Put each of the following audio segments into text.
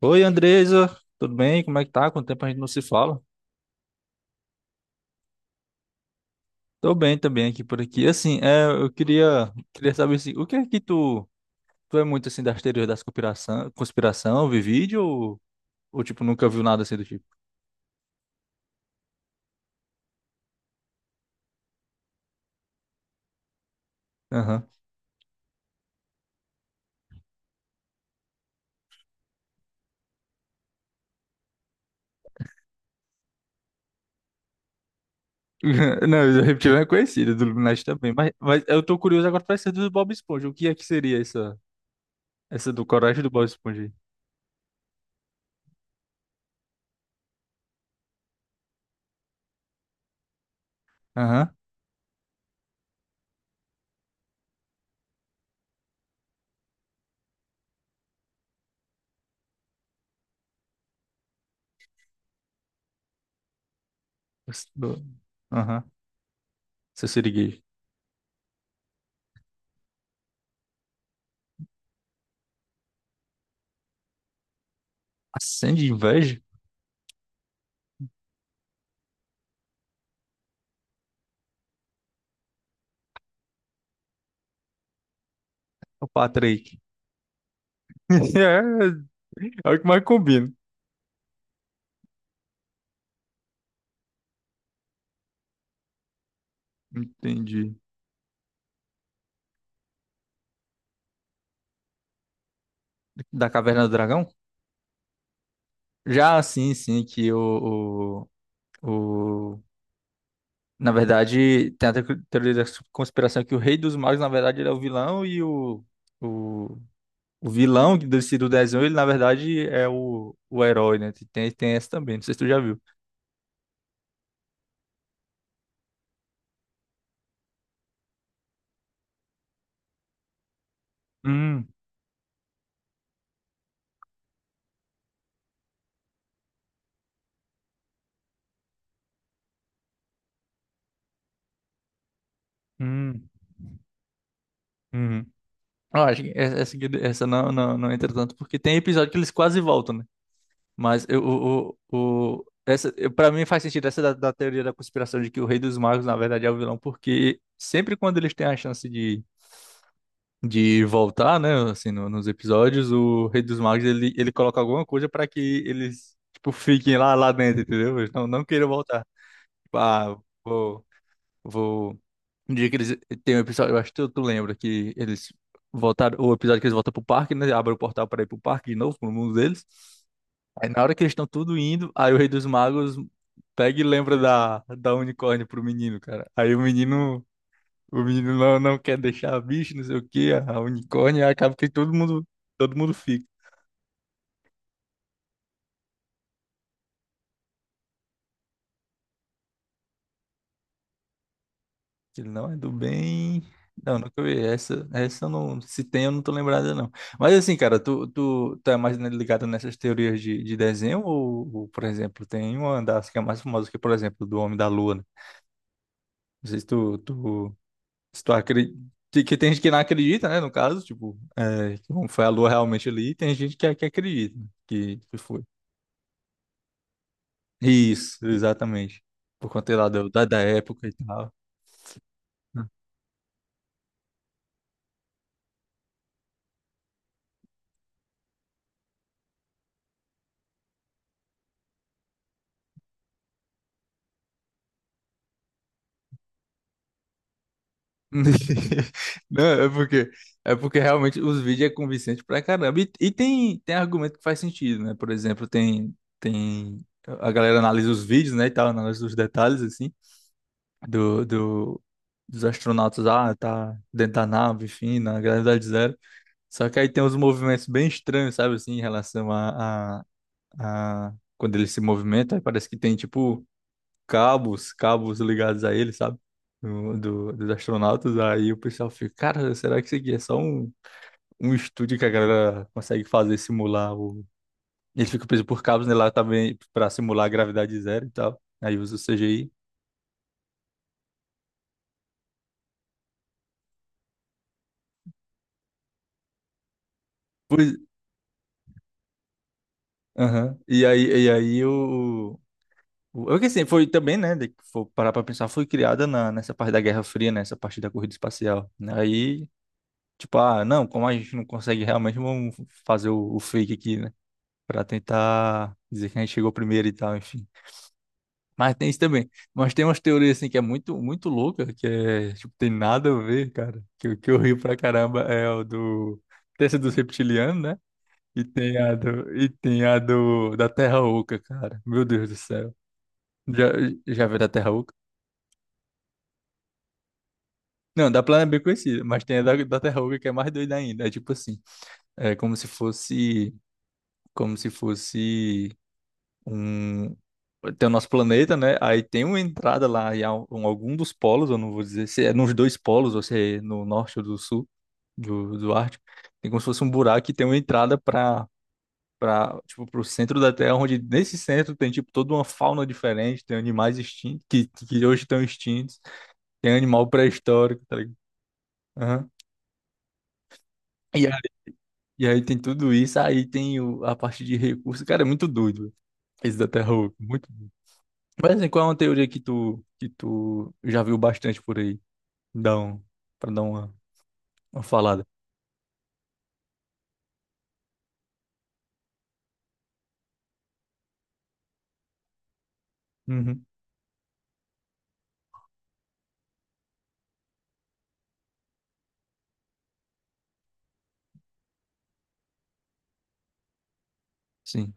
Oi, Andresa, tudo bem? Como é que tá? Quanto tempo a gente não se fala? Tô bem também aqui por aqui. Assim, eu queria saber assim, o que é que tu é muito assim das teorias das conspiração, vi vídeo ou tipo nunca viu nada assim do tipo? Aham. Não, eu repetido é conhecido do Illuminati também, mas eu tô curioso agora pra ser do Bob Esponja. O que é que seria essa do Coragem do Bob Esponja, aí? Aham. Essa do- Aham. Seu siriguejo. Acende inveja? Ô, Patrick. É, é o que mais combina. Entendi. Da Caverna do Dragão? Já, sim, sim, que o... Na verdade, tem a teoria da conspiração que o Rei dos Magos, na verdade, ele é o vilão, e o, o vilão do desenho, ele, na verdade, é o herói, né? Tem essa também, não sei se tu já viu. Hum, hum, hum. Eu acho que essa não, não, não entra tanto, porque tem episódio que eles quase voltam, né? Mas eu, essa, para mim faz sentido essa da teoria da conspiração de que o Rei dos Magos, na verdade, é o vilão, porque sempre quando eles têm a chance de voltar, né, assim, nos episódios, o Rei dos Magos, ele coloca alguma coisa para que eles, tipo, fiquem lá dentro, entendeu? Eles não queiram voltar. Tipo, ah, vou, vou... Um dia que eles... Tem um episódio, eu acho que tu lembra, que eles voltaram... O episódio que eles voltam pro parque, né, abre o portal para ir pro parque de novo, pro mundo deles. Aí na hora que eles estão tudo indo, aí o Rei dos Magos pega e lembra da unicórnio pro menino, cara. Aí o menino não quer deixar a bicho, não sei o quê, a unicórnio, aí acaba que todo mundo fica. Ele não é do bem. Não, nunca vi. Essa eu não. Se tem, eu não tô lembrada, não. Mas assim, cara, tu é mais, né, ligado nessas teorias de desenho, ou, por exemplo, tem uma das que é mais famosa, que, é, por exemplo, do Homem da Lua, né? Não sei se tu acredita, que tem gente que não acredita, né? No caso, tipo, é, que não foi a lua realmente ali, e tem gente que acredita, né, que foi. Isso, exatamente. Por conta lá da, da época e tal. Não, é porque, realmente os vídeos é convincente pra caramba. E tem argumento que faz sentido, né? Por exemplo, tem a galera analisa os vídeos, né, e tal, analisa os detalhes, assim, do, do, dos astronautas, tá dentro da nave, enfim, na gravidade zero. Só que aí tem uns movimentos bem estranhos, sabe, assim, em relação a... Quando ele se movimenta, aí parece que tem, tipo, cabos ligados a ele, sabe? Dos astronautas. Aí o pessoal fica, cara, será que isso aqui é só um estúdio que a galera consegue fazer, simular o... Ele fica preso por cabos, né, lá também, pra simular a gravidade zero e tal. Aí usa o CGI. Pois... Aham. E aí o... É que assim, foi também, né, for parar pra pensar, foi criada nessa parte da Guerra Fria, nessa parte da corrida espacial, né? Aí, tipo, ah, não, como a gente não consegue realmente, vamos fazer o fake aqui, né, pra tentar dizer que a gente chegou primeiro e tal, enfim. Mas tem isso também. Mas tem umas teorias, assim, que é muito, muito louca, que é, tipo, tem nada a ver, cara. Que, o que eu rio pra caramba é o do... Tem essa dos reptilianos, né? E tem a do, da Terra Oca, cara. Meu Deus do céu. Já, Já viu da Terra Oca? Não, da Plana é bem conhecida, mas tem a da Terruga que é mais doida ainda. É tipo assim, é como se fosse um, tem o nosso planeta, né? Aí tem uma entrada lá em algum dos polos, eu não vou dizer se é nos dois polos ou se é no norte ou do sul do Ártico. Tem como se fosse um buraco que tem uma entrada para tipo pro centro da Terra, onde nesse centro tem tipo toda uma fauna diferente, tem animais extintos que hoje estão extintos, tem animal pré-histórico, tá ligado? Aham. E E aí tem tudo isso, aí tem a parte de recurso. Cara, é muito doido, velho, esse da Terra Oca, muito doido. Mas assim, qual é uma teoria que tu já viu bastante por aí? Dá um, Pra dar uma falada. Uhum, sim.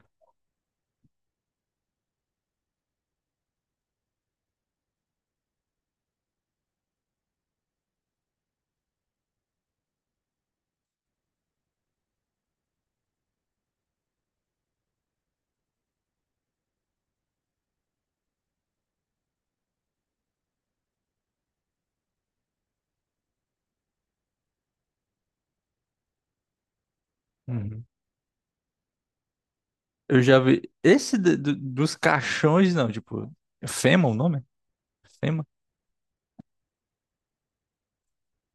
Uhum. Eu já vi. Esse dos caixões, não, tipo. É Fema o nome? Fema?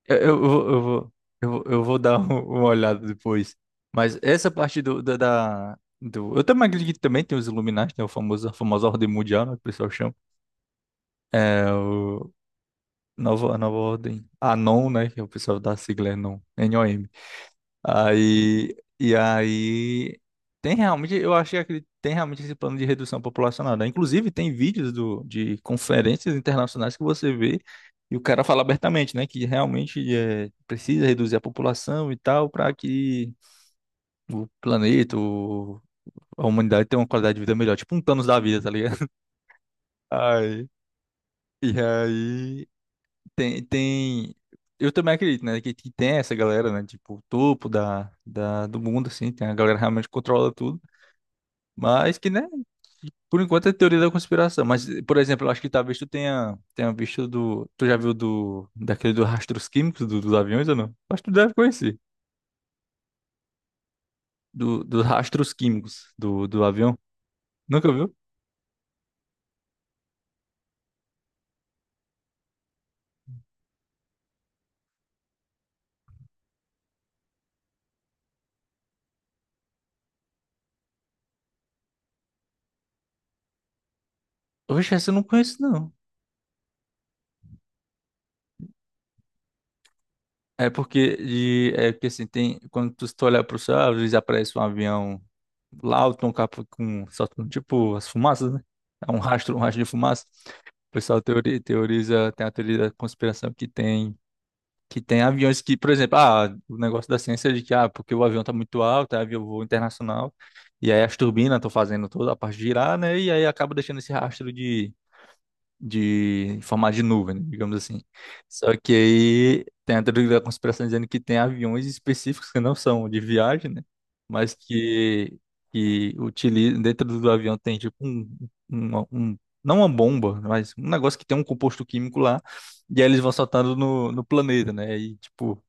Eu, vou- eu, vou, eu, vou, eu vou dar uma olhada depois. Mas essa parte do. Eu também acredito que também tem os Illuminati, né? A famosa ordem mundial, né? Que o pessoal chama. É, o- Nova ordem. Anon, né? Que é o pessoal da sigla é NOM. NOM. E aí, tem realmente, eu achei que tem realmente esse plano de redução populacional, né? Inclusive, tem vídeos de conferências internacionais que você vê e o cara fala abertamente, né? Que realmente, é, precisa reduzir a população e tal para que o a humanidade tenha uma qualidade de vida melhor. Tipo um Thanos da vida, tá ligado? Aí, e aí... Tem. Eu também acredito, né? Que tem essa galera, né? Tipo, o topo do mundo, assim. Tem a galera que realmente controla tudo. Mas que, né? Por enquanto é teoria da conspiração. Mas, por exemplo, eu acho que talvez tu tenha visto do. Tu já viu do. Daquele dos rastros químicos dos aviões ou não? Acho que tu deve conhecer. Dos rastros químicos do avião. Nunca viu? Oxe, essa eu não conheço, não. É que assim, tem, quando tu, se tu olhar pro céu, às vezes aparece um avião lá, o Tom Capa com, soltando tipo as fumaças, né? É um rastro de fumaça. O pessoal teoriza, tem a teoria da conspiração que que tem aviões que, por exemplo, o negócio da ciência é de que, porque o avião tá muito alto, é avião voo internacional, e aí as turbinas estão fazendo toda a parte girar, né? E aí acaba deixando esse rastro de em formato de nuvem, né, digamos assim. Só que aí tem a teoria da conspiração dizendo que tem aviões específicos que não são de viagem, né? Mas que utilizam, dentro do avião tem tipo um, um- não uma bomba, mas um negócio que tem um composto químico lá, e aí eles vão soltando no planeta, né? E tipo,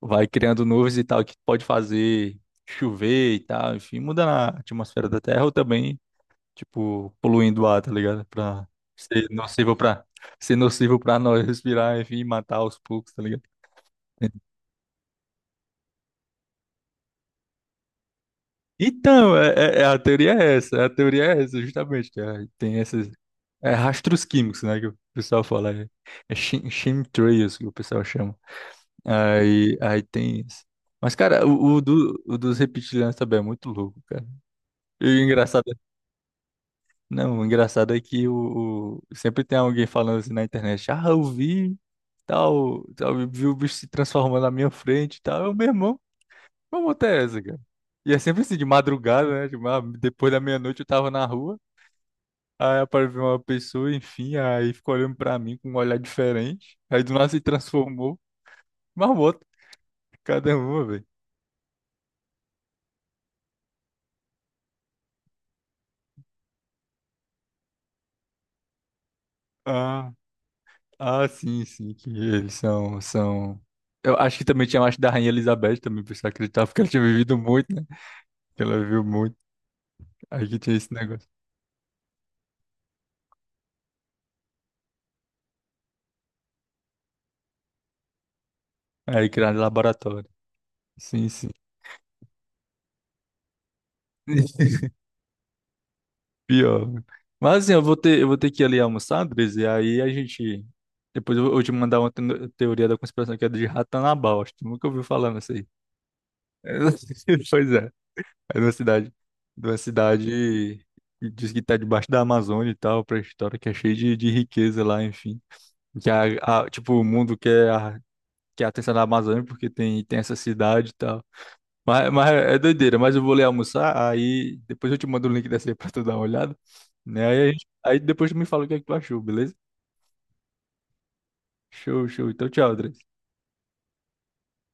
vai criando nuvens e tal, que pode fazer chover e tal, enfim, muda a atmosfera da Terra ou também tipo, poluindo o ar, tá ligado? Pra ser nocivo pra, ser nocivo pra nós respirar, enfim, matar aos poucos, tá ligado? Então, a teoria é essa, a teoria é essa, justamente, tem esses, é, rastros químicos, né, que o pessoal fala, chemtrails que o pessoal chama, aí tem isso. Mas, cara, o dos reptilianos também é muito louco, cara. E o engraçado Não, o engraçado é que sempre tem alguém falando assim na internet, ah, eu vi, tal, tal, eu vi o bicho se transformando na minha frente e tal. Meu irmão, como é essa, cara? E é sempre assim, de madrugada, né? Tipo, ah, depois da meia-noite eu tava na rua, aí apareceu uma pessoa, enfim, aí ficou olhando pra mim com um olhar diferente, aí do nada se transformou, marmota, cada uma, velho. Ah, ah, sim, sim, que eles são... Eu acho que também tinha mais da Rainha Elizabeth também, por isso eu acreditava porque ela tinha vivido muito, que ela viu muito. Aí que tinha esse negócio. Aí criaram laboratório. Sim, sim. Pior. Mas assim, eu vou ter que ir ali almoçar, Andres, e aí a gente. Depois eu vou te mandar uma teoria da conspiração que é de Ratanabal. Acho que tu nunca ouviu falar nisso aí. Pois é. É de uma cidade. De uma cidade que diz que tá debaixo da Amazônia e tal, pré-história, que é cheia de riqueza lá, enfim. Que tipo, o mundo quer a atenção da Amazônia porque tem essa cidade e tal. Mas é doideira, mas eu vou ler almoçar, aí depois eu te mando o link dessa aí pra tu dar uma olhada, né? Aí, aí depois tu me fala o que é que tu achou, beleza? Show, show. Então, tchau, André.